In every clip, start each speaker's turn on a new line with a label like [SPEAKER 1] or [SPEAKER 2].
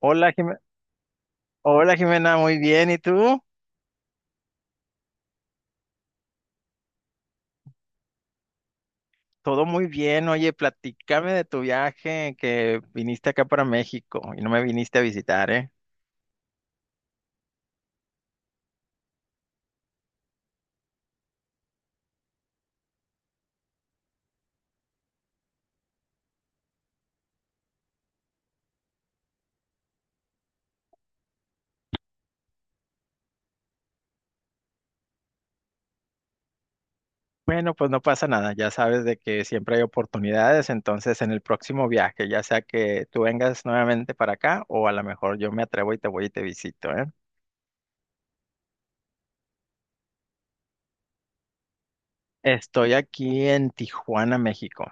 [SPEAKER 1] Hola, Hola Jimena, muy bien. ¿Y tú? Todo muy bien. Oye, platícame de tu viaje que viniste acá para México y no me viniste a visitar, ¿eh? Bueno, pues no pasa nada. Ya sabes de que siempre hay oportunidades. Entonces, en el próximo viaje, ya sea que tú vengas nuevamente para acá o a lo mejor yo me atrevo y te voy y te visito, ¿eh? Estoy aquí en Tijuana, México.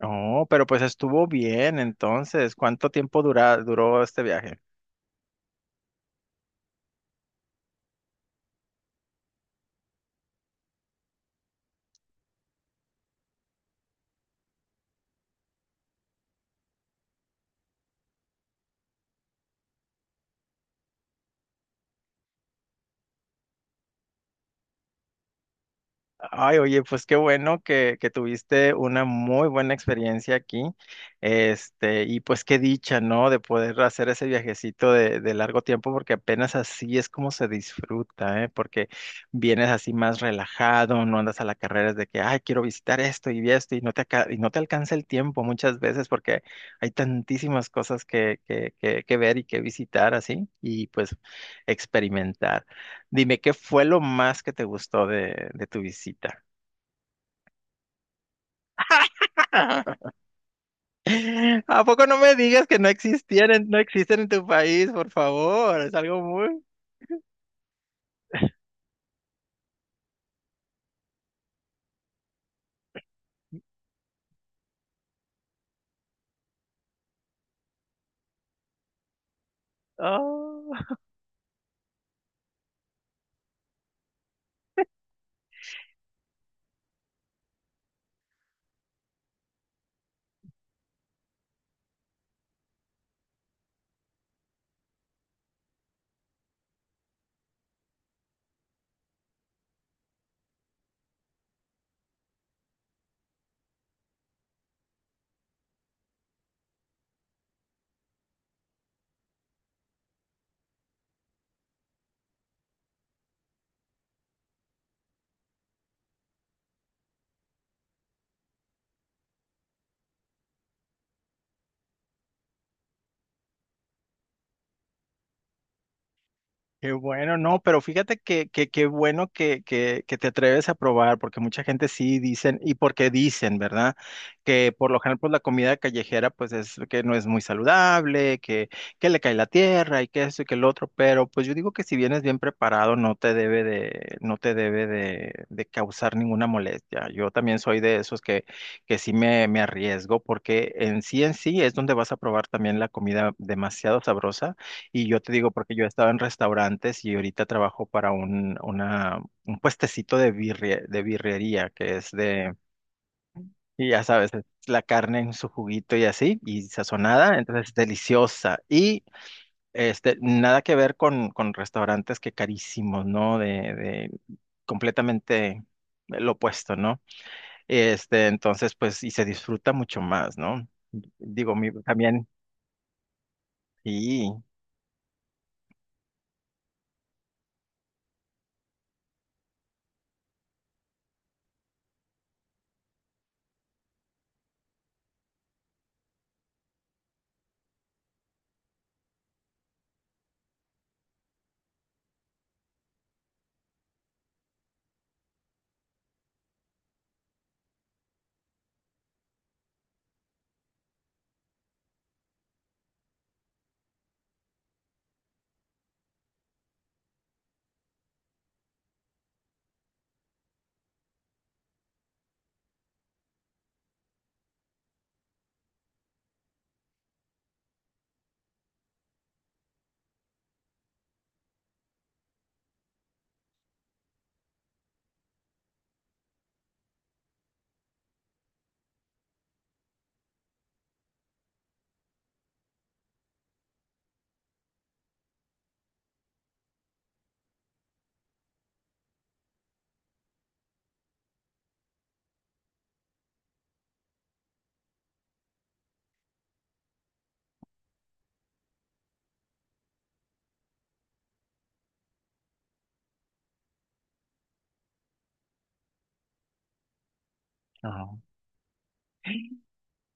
[SPEAKER 1] Oh, pero pues estuvo bien. Entonces, ¿cuánto duró este viaje? Ay, oye, pues qué bueno que tuviste una muy buena experiencia aquí. Este, y pues qué dicha, ¿no? De poder hacer ese viajecito de largo tiempo, porque apenas así es como se disfruta, ¿eh? Porque vienes así más relajado, no andas a la carrera de que, ay, quiero visitar esto y vi esto, y no y no te alcanza el tiempo muchas veces, porque hay tantísimas cosas que ver y que visitar así, y pues experimentar. Dime, ¿qué fue lo más que te gustó de tu visita? ¿A poco no me digas que no existían, no existen en tu país, por favor? Es algo muy Oh. Qué bueno, no, pero fíjate qué bueno que te atreves a probar, porque mucha gente sí dicen, y porque dicen, ¿verdad? Que por lo general, pues la comida callejera, pues es que no es muy saludable, que le cae la tierra y que esto y que el otro, pero pues yo digo que si vienes bien preparado, no te debe de causar ninguna molestia. Yo también soy de esos que sí me arriesgo, porque en sí es donde vas a probar también la comida demasiado sabrosa y yo te digo, porque yo he estado en restaurantes y ahorita trabajo para un puestecito de birria, de birrería, que es de, y ya sabes, es la carne en su juguito y así, y sazonada, entonces deliciosa. Y este, nada que ver con restaurantes que carísimos, ¿no? De completamente lo opuesto, ¿no? Este, entonces, pues, y se disfruta mucho más, ¿no? Digo, mi, también, sí.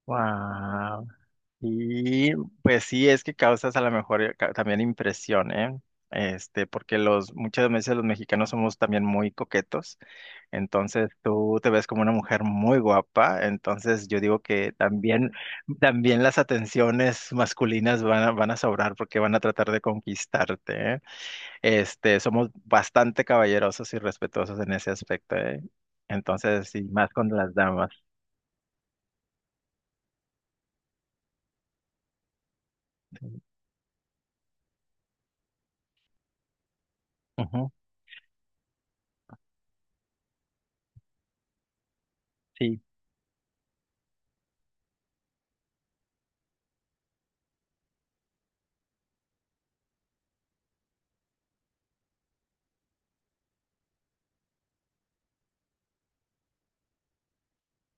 [SPEAKER 1] Wow. Y pues sí, es que causas a lo mejor también impresión, ¿eh? Este, porque los, muchas veces los mexicanos somos también muy coquetos, entonces tú te ves como una mujer muy guapa, entonces yo digo que también, también las atenciones masculinas van van a sobrar porque van a tratar de conquistarte, ¿eh? Este, somos bastante caballerosos y respetuosos en ese aspecto, ¿eh? Entonces, sí, más con las damas. Ujú, sí.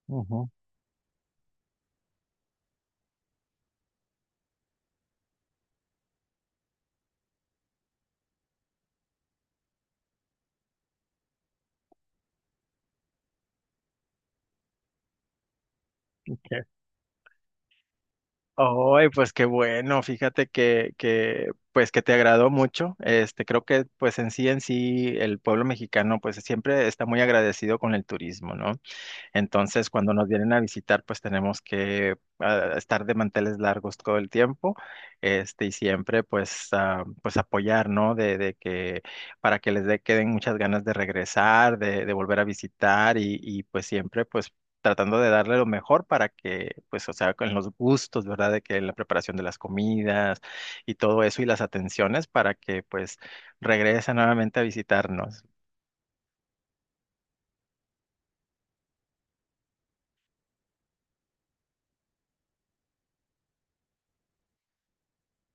[SPEAKER 1] Ujú. Ay, pues qué bueno, fíjate pues que te agradó mucho. Este, creo que pues en sí el pueblo mexicano pues siempre está muy agradecido con el turismo, ¿no? Entonces, cuando nos vienen a visitar, pues tenemos que ah, estar de manteles largos todo el tiempo, este, y siempre, pues, ah, pues apoyar, ¿no? Para que les dé queden muchas ganas de regresar, de volver a visitar, y pues siempre, pues, tratando de darle lo mejor para que, pues, o sea, con los gustos, ¿verdad? De que la preparación de las comidas y todo eso y las atenciones para que, pues, regresen nuevamente a visitarnos.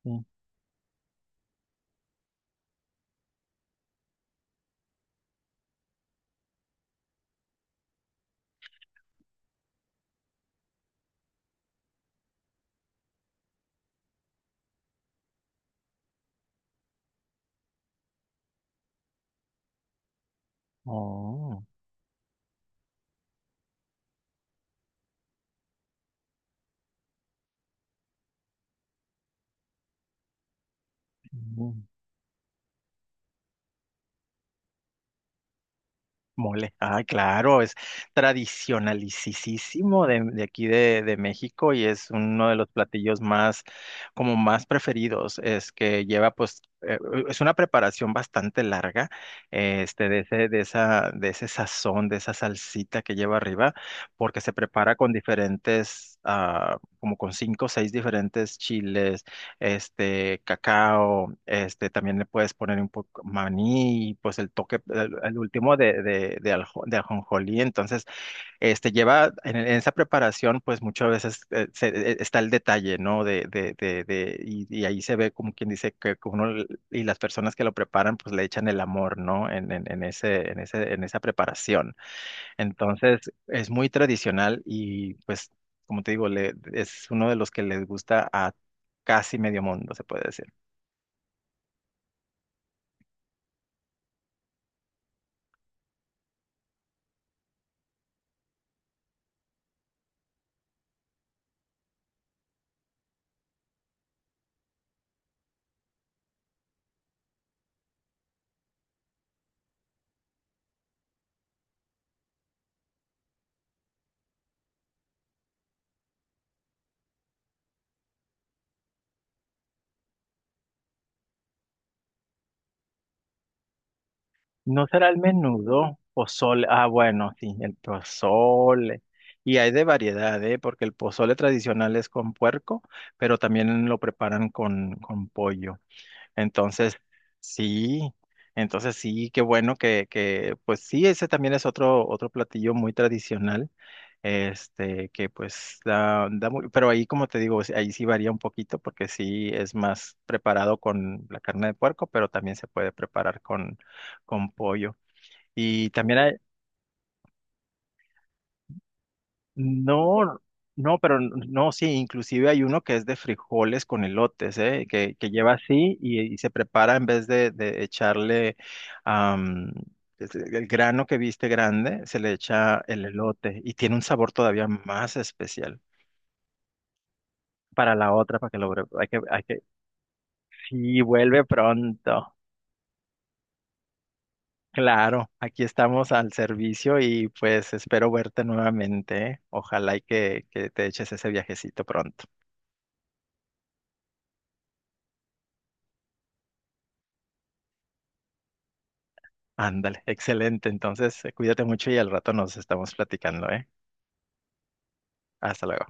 [SPEAKER 1] Sí. Oh. Mole, ah, claro, es tradicionalicisísimo de aquí de México y es uno de los platillos más, como más preferidos. Es que lleva, pues, es una preparación bastante larga, este, de ese, de esa, de ese sazón, de esa salsita que lleva arriba, porque se prepara con diferentes, ah, como con cinco o seis diferentes chiles este, cacao, este, también le puedes poner un poco maní, pues el toque, el último de ajonjolí, entonces, este, lleva, en esa preparación, pues muchas veces está el detalle, ¿no? Y ahí se ve como quien dice que uno, y las personas que lo preparan, pues le echan el amor, ¿no? En ese, en ese, en esa preparación. Entonces, es muy tradicional y pues, como te digo, le, es uno de los que les gusta a casi medio mundo, se puede decir. ¿No será el menudo? Pozole. Ah, bueno, sí, el pozole. Y hay de variedad, ¿eh? Porque el pozole tradicional es con puerco, pero también lo preparan con pollo. Entonces, sí, entonces sí, qué bueno pues sí, ese también es otro, otro platillo muy tradicional, este, que pues da, da muy, pero ahí como te digo, sí, ahí sí varía un poquito porque sí es más preparado con la carne de puerco, pero también se puede preparar con pollo. Y también hay, no, no, pero no, sí, inclusive hay uno que es de frijoles con elotes, ¿eh? Que lleva así y se prepara en vez de echarle am, el grano que viste grande, se le echa el elote y tiene un sabor todavía más especial. Para la otra, para que hay hay que, sí, vuelve pronto. Claro, aquí estamos al servicio y pues espero verte nuevamente, ¿eh? Ojalá y que te eches ese viajecito pronto. Ándale, excelente. Entonces, cuídate mucho y al rato nos estamos platicando, ¿eh? Hasta luego.